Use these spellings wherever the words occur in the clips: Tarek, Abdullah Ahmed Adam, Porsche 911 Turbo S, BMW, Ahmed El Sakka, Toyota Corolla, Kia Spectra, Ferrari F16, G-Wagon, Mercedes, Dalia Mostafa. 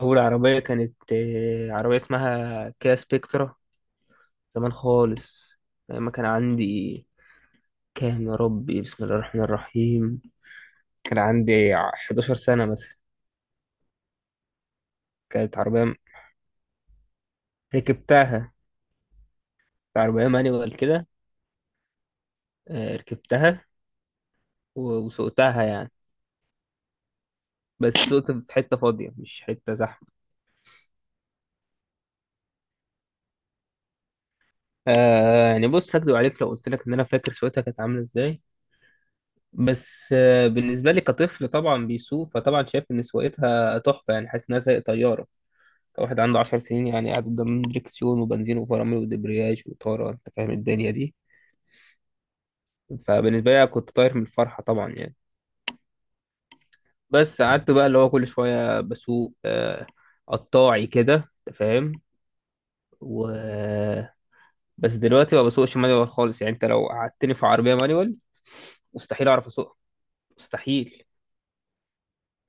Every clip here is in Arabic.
أول عربية كانت عربية اسمها كيا سبيكترا. زمان خالص. لما كان عندي كام يا ربي، بسم الله الرحمن الرحيم. كان عندي 11 سنة مثلا. كانت عربية ركبتها. كانت عربية مانيوال كده. ركبتها. وسوقتها يعني. بس سوقت في حتة فاضية، مش حتة زحمة. يعني بص، هكدب عليك لو قلت لك إن أنا فاكر سوقتها كانت عاملة إزاي. بس بالنسبة لي كطفل طبعا بيسوق، فطبعا شايف إن سواقتها تحفة يعني، حاسس إنها زي طيارة. واحد عنده 10 سنين يعني، قاعد قدام دريكسيون وبنزين وفرامل ودبرياج وإطارة. أنت فاهم الدنيا دي. فبالنسبة لي كنت طاير من الفرحة طبعا يعني. بس قعدت بقى اللي هو كل شوية بسوق قطاعي كده. أنت فاهم. و بس دلوقتي ما بسوقش مانيوال خالص يعني، أنت لو قعدتني في عربية مانيوال مستحيل أعرف أسوقها. مستحيل.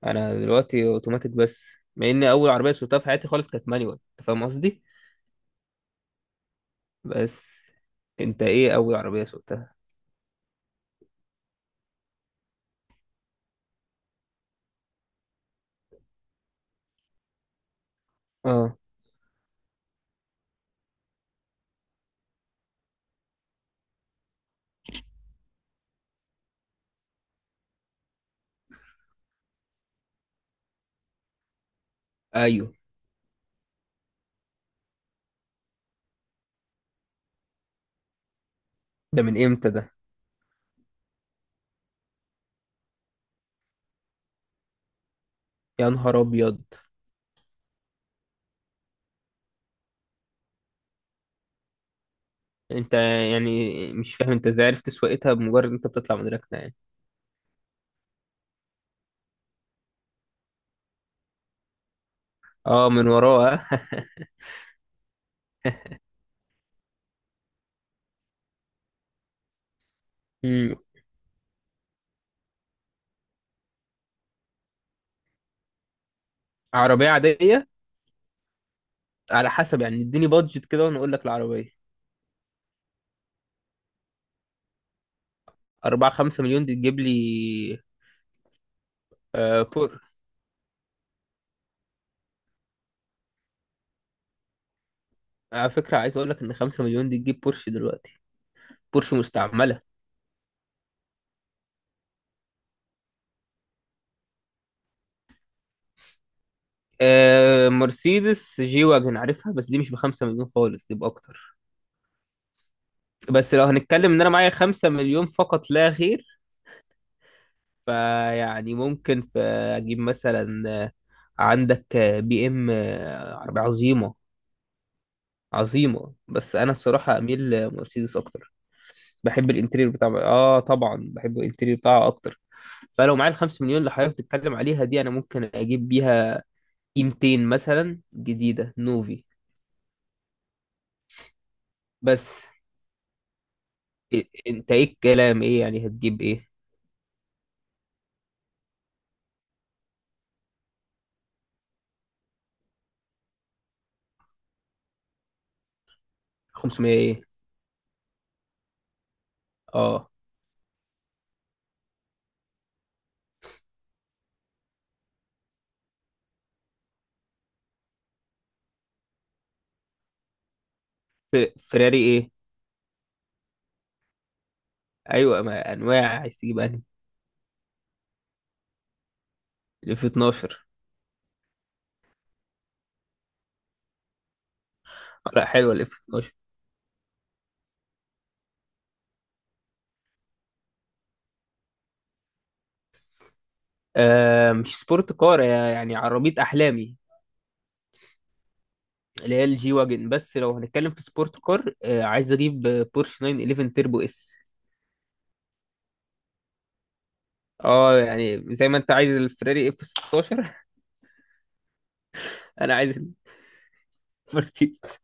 أنا دلوقتي أوتوماتيك بس. مع إن أول عربية سوقتها في حياتي خالص كانت مانيوال، أنت فاهم قصدي. بس، أنت إيه أول عربية سوقتها؟ اه، ايوه، ده من امتى ده؟ يا نهار ابيض. انت، يعني مش فاهم انت ازاي عرفت سواقتها بمجرد انت بتطلع من ركنه يعني؟ اه، من وراها. أمم. عربيه عاديه. على حسب يعني، اديني بادجت كده وانا اقول لك العربيه. 4 5 مليون دي تجيب لي؟ آه بور على فكره عايز اقول لك ان 5 مليون دي تجيب بورش دلوقتي. بورش مستعمله. مرسيدس جي واجن عارفها، بس دي مش ب 5 مليون خالص، دي باكتر. بس لو هنتكلم ان انا معايا 5 مليون فقط لا غير، فيعني ممكن في اجيب مثلا عندك بي ام عربية عظيمة عظيمة. بس انا الصراحة اميل لمرسيدس اكتر. بحب الانتريور بتاع طبعا بحب الانتريور بتاعها اكتر. فلو معايا الخمس مليون اللي حضرتك بتتكلم عليها دي، انا ممكن اجيب بيها اي 200 مثلا جديدة نوفي. بس انت ايه الكلام؟ ايه يعني هتجيب ايه؟ 500 ايه؟ اه، فيراري ايه؟ ايوه، ما انواع عايز تجيب انهي؟ الاف 12. لا، حلوه الاف. مش سبورت كار يعني عربية أحلامي اللي هي الجي واجن. بس لو هنتكلم في سبورت كار عايز أجيب بورش 911 تيربو اس. اه، يعني زي ما انت عايز الفراري اف 16. انا عايز المرسيدس.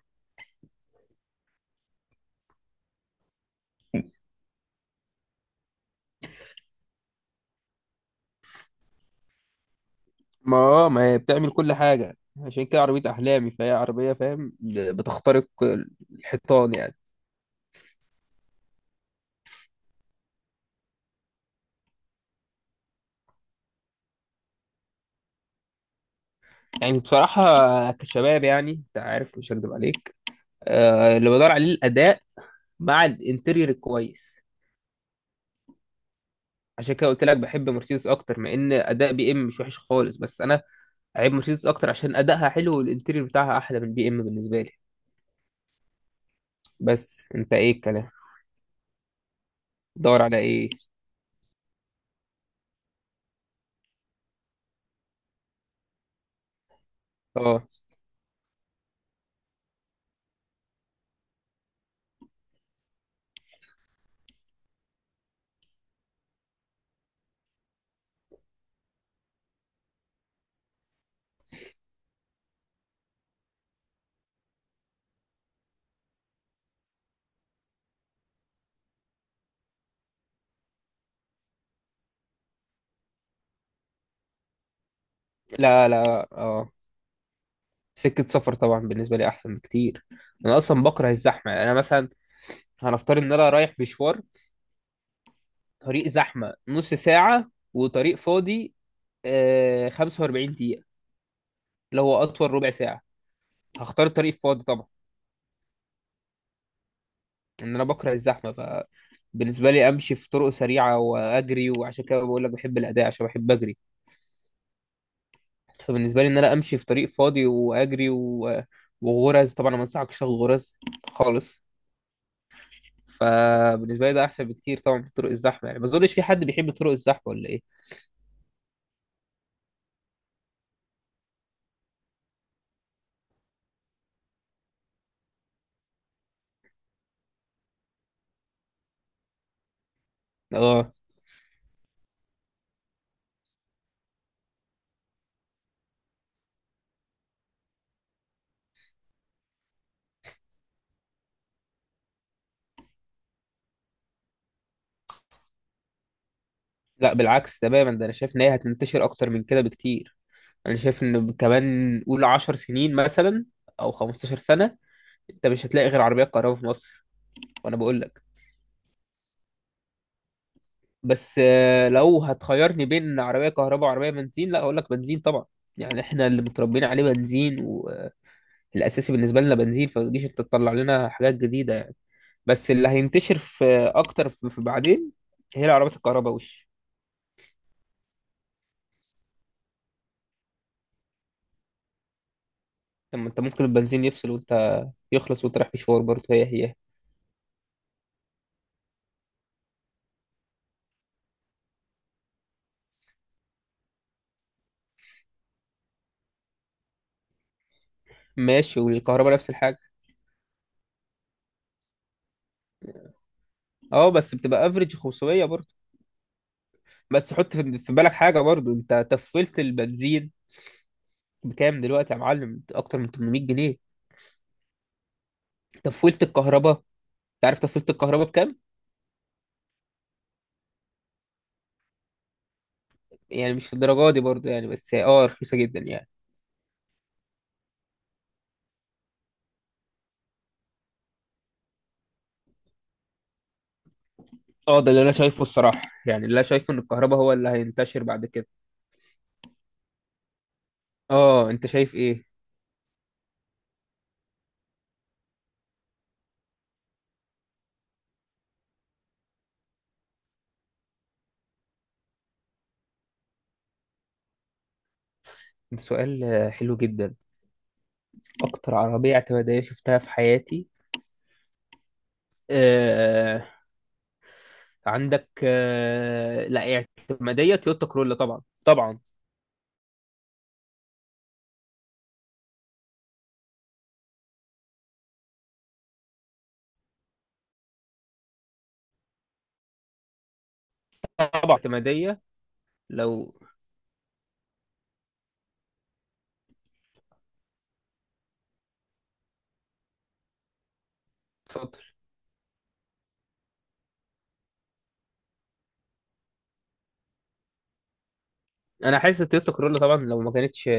ما هي بتعمل كل حاجة. عشان كده عربية أحلامي، فهي عربية فاهم بتخترق الحيطان يعني. يعني بصراحة كشباب يعني، أنت عارف، مش هكدب عليك. اللي بدور عليه الأداء مع الانتيريور الكويس. عشان كده قلت لك بحب مرسيدس اكتر، مع ان اداء بي ام مش وحش خالص، بس انا عيب مرسيدس اكتر عشان ادائها حلو والانتيريور بتاعها احلى من البي ام بالنسبه لي. بس انت ايه الكلام؟ دور على ايه؟ اه، لا لا، اه، سكه سفر طبعا بالنسبه لي احسن بكتير. انا اصلا بكره الزحمه، يعني انا مثلا هنفترض ان انا رايح مشوار. طريق زحمه نص ساعه وطريق فاضي 45 دقيقه، اللي هو اطول ربع ساعه. هختار الطريق الفاضي طبعا. ان انا بكره الزحمه، فبالنسبه لي امشي في طرق سريعه واجري، وعشان كده بقول لك بحب الاداء عشان بحب اجري. فبالنسبه لي ان انا امشي في طريق فاضي واجري وغرز طبعا. أنا ما انصحكش تاخد غرز خالص. فبالنسبه لي ده احسن بكتير طبعا من طرق الزحمه، يعني ما اظنش في حد بيحب طرق الزحمه ولا ايه. اه، لا بالعكس تماما، ده انا شايف ان هي هتنتشر اكتر من كده بكتير. انا شايف ان كمان قول 10 سنين مثلا او 15 سنه، انت مش هتلاقي غير عربيات كهرباء في مصر. وانا بقول لك. بس لو هتخيرني بين عربية كهرباء وعربية بنزين، لا أقول لك بنزين طبعا. يعني احنا اللي متربيين عليه بنزين، والأساسي بالنسبة لنا بنزين، فتجيش انت تطلع لنا حاجات جديدة يعني. بس اللي هينتشر في أكتر في بعدين هي العربيات الكهرباء لما انت ممكن البنزين يفصل وانت، يخلص وانت رايح مشوار برضه، هي هي. ماشي، والكهرباء نفس الحاجة. اه، بس بتبقى افريج 500 برضه. بس حط في بالك حاجة برضه. انت تفولت البنزين بكام دلوقتي يا معلم؟ اكتر من 800 جنيه. تفولت الكهرباء. عارف تفصيلة الكهرباء بكام؟ يعني مش في الدرجة دي برضه يعني، بس اه رخيصة جدا يعني. اه، ده اللي انا شايفه الصراحة يعني، اللي انا شايفه ان الكهرباء هو اللي هينتشر بعد كده. اه، انت شايف ايه؟ ده سؤال حلو جدا. اكتر عربية اعتمادية شفتها في حياتي. آه... عندك لا، اعتمادية تويوتا كرولا، طبعا طبعا. طبعا اعتمادية. لو. اتفضل. انا حاسس تويوتا كرولا طبعا لو ما كانتش